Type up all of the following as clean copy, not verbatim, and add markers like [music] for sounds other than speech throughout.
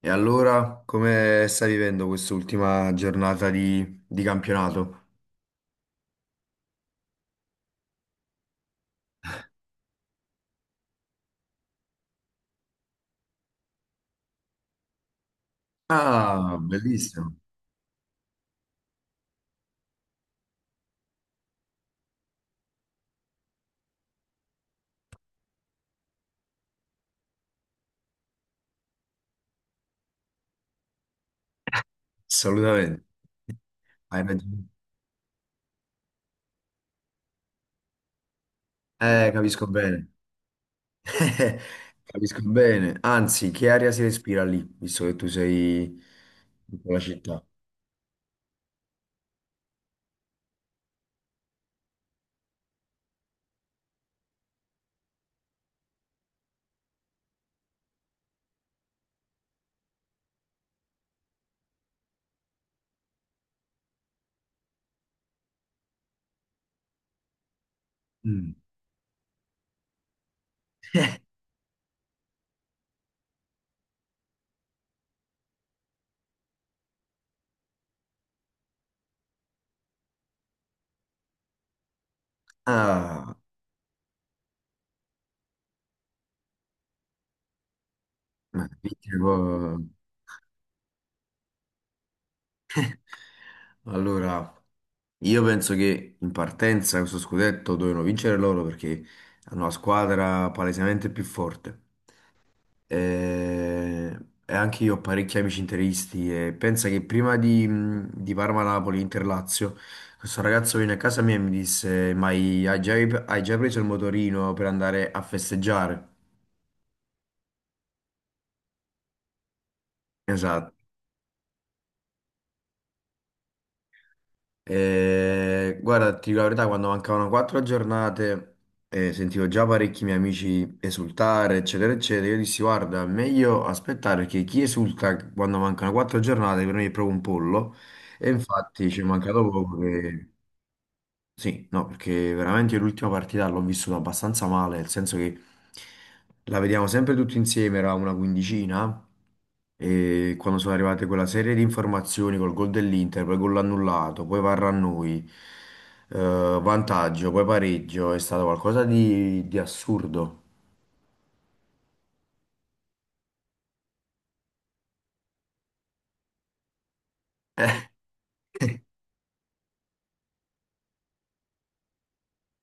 E allora, come stai vivendo quest'ultima giornata di campionato? Ah, bellissimo, assolutamente. Hai ragione. Capisco bene. [laughs] Capisco bene. Anzi, che aria si respira lì, visto che tu sei in quella città? Mm. Ah, ma tipo... [laughs] Allora, io penso che in partenza questo scudetto dovevano vincere loro perché hanno la squadra palesemente più forte. E, e anche io ho parecchi amici interisti e pensa che prima di Parma-Napoli, Inter-Lazio, questo ragazzo venne a casa mia e mi disse, ma hai già, hai già preso il motorino per andare a festeggiare? Esatto. Guarda, ti dico la verità, quando mancavano quattro giornate sentivo già parecchi miei amici esultare, eccetera, eccetera. Io dissi, guarda, meglio aspettare perché chi esulta quando mancano quattro giornate per me è proprio un pollo. E infatti ci è mancato poco che sì, no, perché veramente io l'ultima partita l'ho vissuta abbastanza male, nel senso che la vediamo sempre tutti insieme, era una quindicina, e quando sono arrivate quella serie di informazioni col gol dell'Inter, poi gol annullato, poi VAR a noi, eh, vantaggio, poi pareggio, è stato qualcosa di assurdo.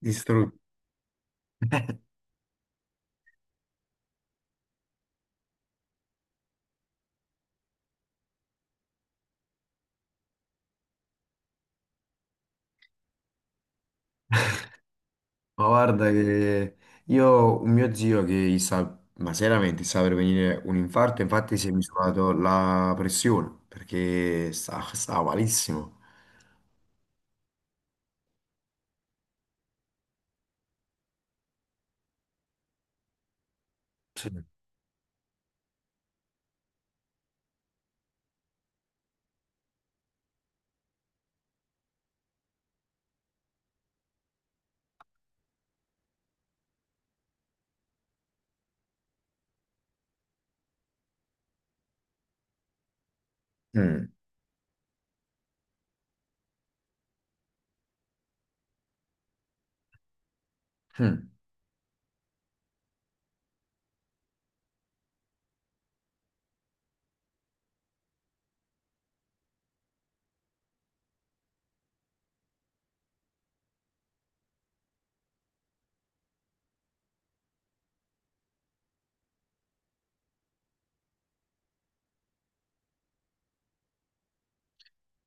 Distrutto. Ma guarda che io ho un mio zio che gli sta, ma seriamente gli sta per venire un infarto, infatti si è misurato la pressione perché sta, [laughs] sta malissimo. Sì. Mm. Mm.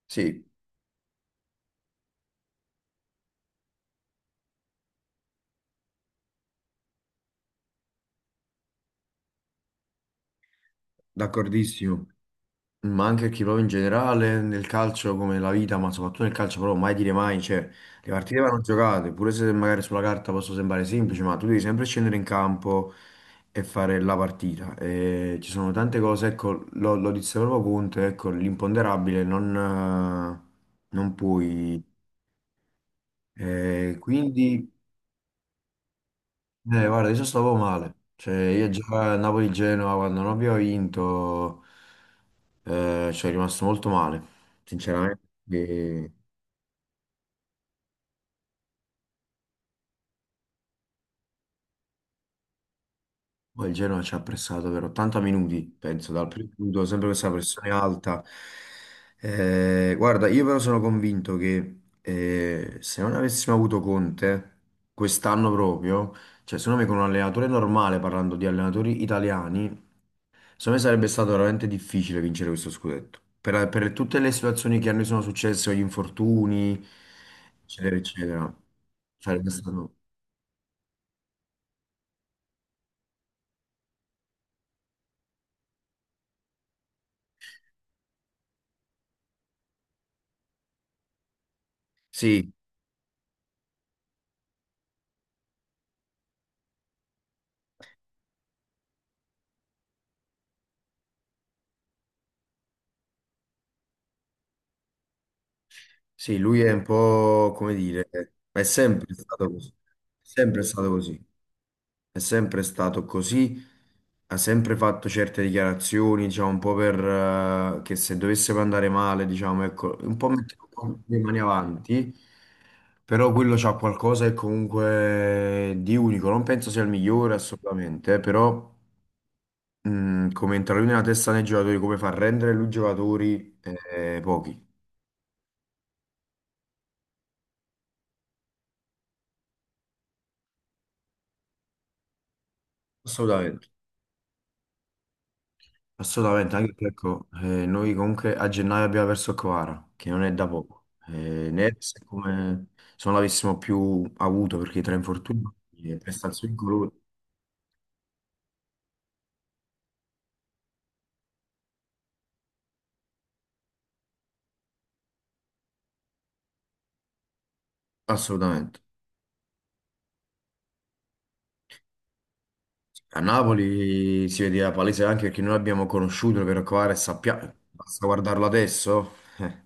Sì, d'accordissimo. Ma anche perché proprio in generale nel calcio come la vita, ma soprattutto nel calcio proprio mai dire mai, cioè le partite vanno giocate, pure se magari sulla carta possono sembrare semplici, ma tu devi sempre scendere in campo e fare la partita. E ci sono tante cose, ecco, lo disse proprio Conte, ecco, l'imponderabile non, non puoi. Quindi eh, guarda, io stavo male. Cioè, io già a Napoli-Genova, quando non abbiamo vinto, ci è rimasto molto male, sinceramente. E poi il Genova ci ha pressato per 80 minuti, penso, dal primo minuto, sempre questa pressione alta. Guarda, io però sono convinto che se non avessimo avuto Conte, quest'anno proprio, cioè secondo me con un allenatore normale, parlando di allenatori italiani, secondo me sarebbe stato veramente difficile vincere questo scudetto. Per tutte le situazioni che a noi sono successe, gli infortuni, eccetera, eccetera. Sarebbe stato... Sì, sì, lui è un po', come dire, ma è sempre stato così. È sempre stato così. È sempre stato così, ha sempre fatto certe dichiarazioni, diciamo, un po' per che se dovesse andare male, diciamo, ecco, un po' mettere un po' le mani avanti, però quello c'ha qualcosa che comunque di unico, non penso sia il migliore assolutamente, però come entra lui nella testa dei giocatori, come fa a rendere lui i giocatori, pochi, assolutamente. Assolutamente, anche perché ecco, noi comunque a gennaio abbiamo perso Kvara, che non è da poco. Neres è come se non l'avessimo più avuto, perché tra infortuni e prestazioni colori, assolutamente. A Napoli si vedeva palese anche perché noi l'abbiamo conosciuto per Kvara e sappiamo, basta guardarlo adesso. Eh,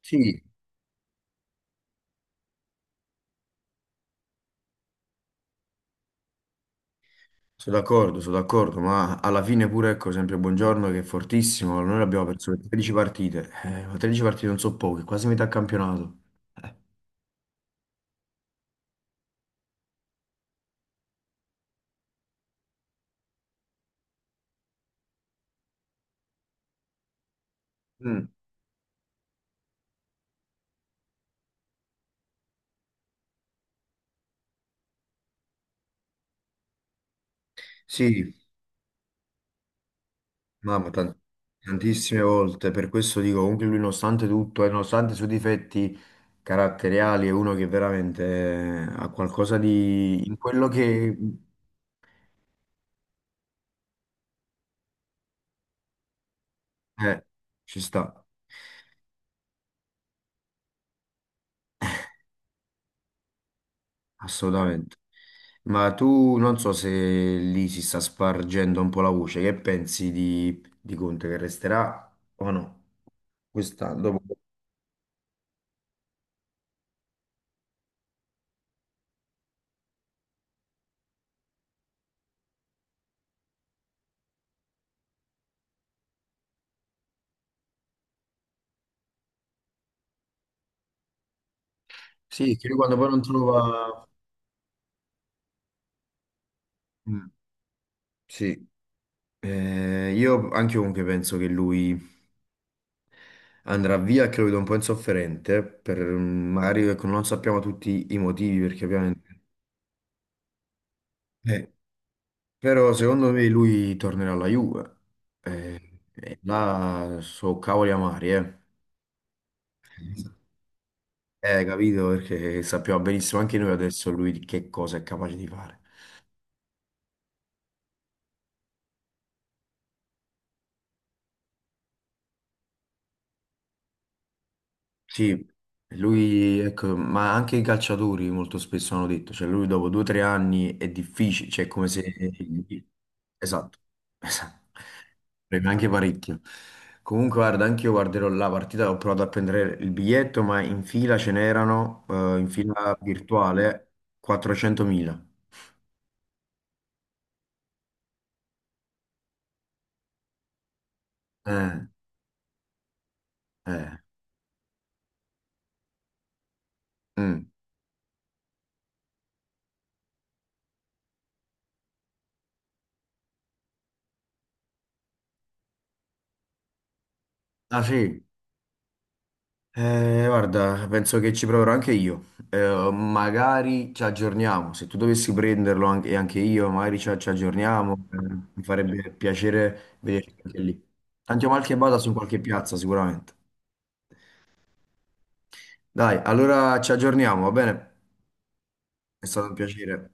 Sì, sono d'accordo, ma alla fine pure, ecco, sempre Buongiorno che è fortissimo, noi l'abbiamo perso per 13 partite, ma 13 partite non so poche, quasi metà campionato. Eh. Mm. Sì, mamma, tantissime volte, per questo dico, comunque lui nonostante tutto e nonostante i suoi difetti caratteriali è uno che veramente ha qualcosa di... in quello che... eh, ci sta, assolutamente. Ma tu non so se lì si sta spargendo un po' la voce, che pensi di Conte che resterà o no? Quest'anno, dopo... Sì, che lui quando poi non trova... Mm, sì, eh, io anche comunque penso che lui... andrà via, credo, un po' insofferente, per mm, magari ecco, non sappiamo tutti i motivi, perché ovviamente... eh, però secondo me lui tornerà alla Juve. Eh, e là so cavoli amari, eh. Capito? Perché sappiamo benissimo anche noi adesso lui di che cosa è capace di fare. Sì, lui, ecco, ma anche i calciatori molto spesso hanno detto, cioè lui dopo due o tre anni è difficile, cioè è come se... Esatto, [laughs] esatto, preme anche parecchio. Comunque guarda, anche io guarderò la partita, ho provato a prendere il biglietto, ma in fila ce n'erano, in fila virtuale, 400.000. Eh, eh, mm. Ah sì? Guarda, penso che ci proverò anche io. Magari ci aggiorniamo. Se tu dovessi prenderlo anche, e anche io, magari ci aggiorniamo. Mi farebbe piacere vederci anche lì. Tanto male che vada su qualche piazza, sicuramente. Dai, allora ci aggiorniamo, va bene? È stato un piacere.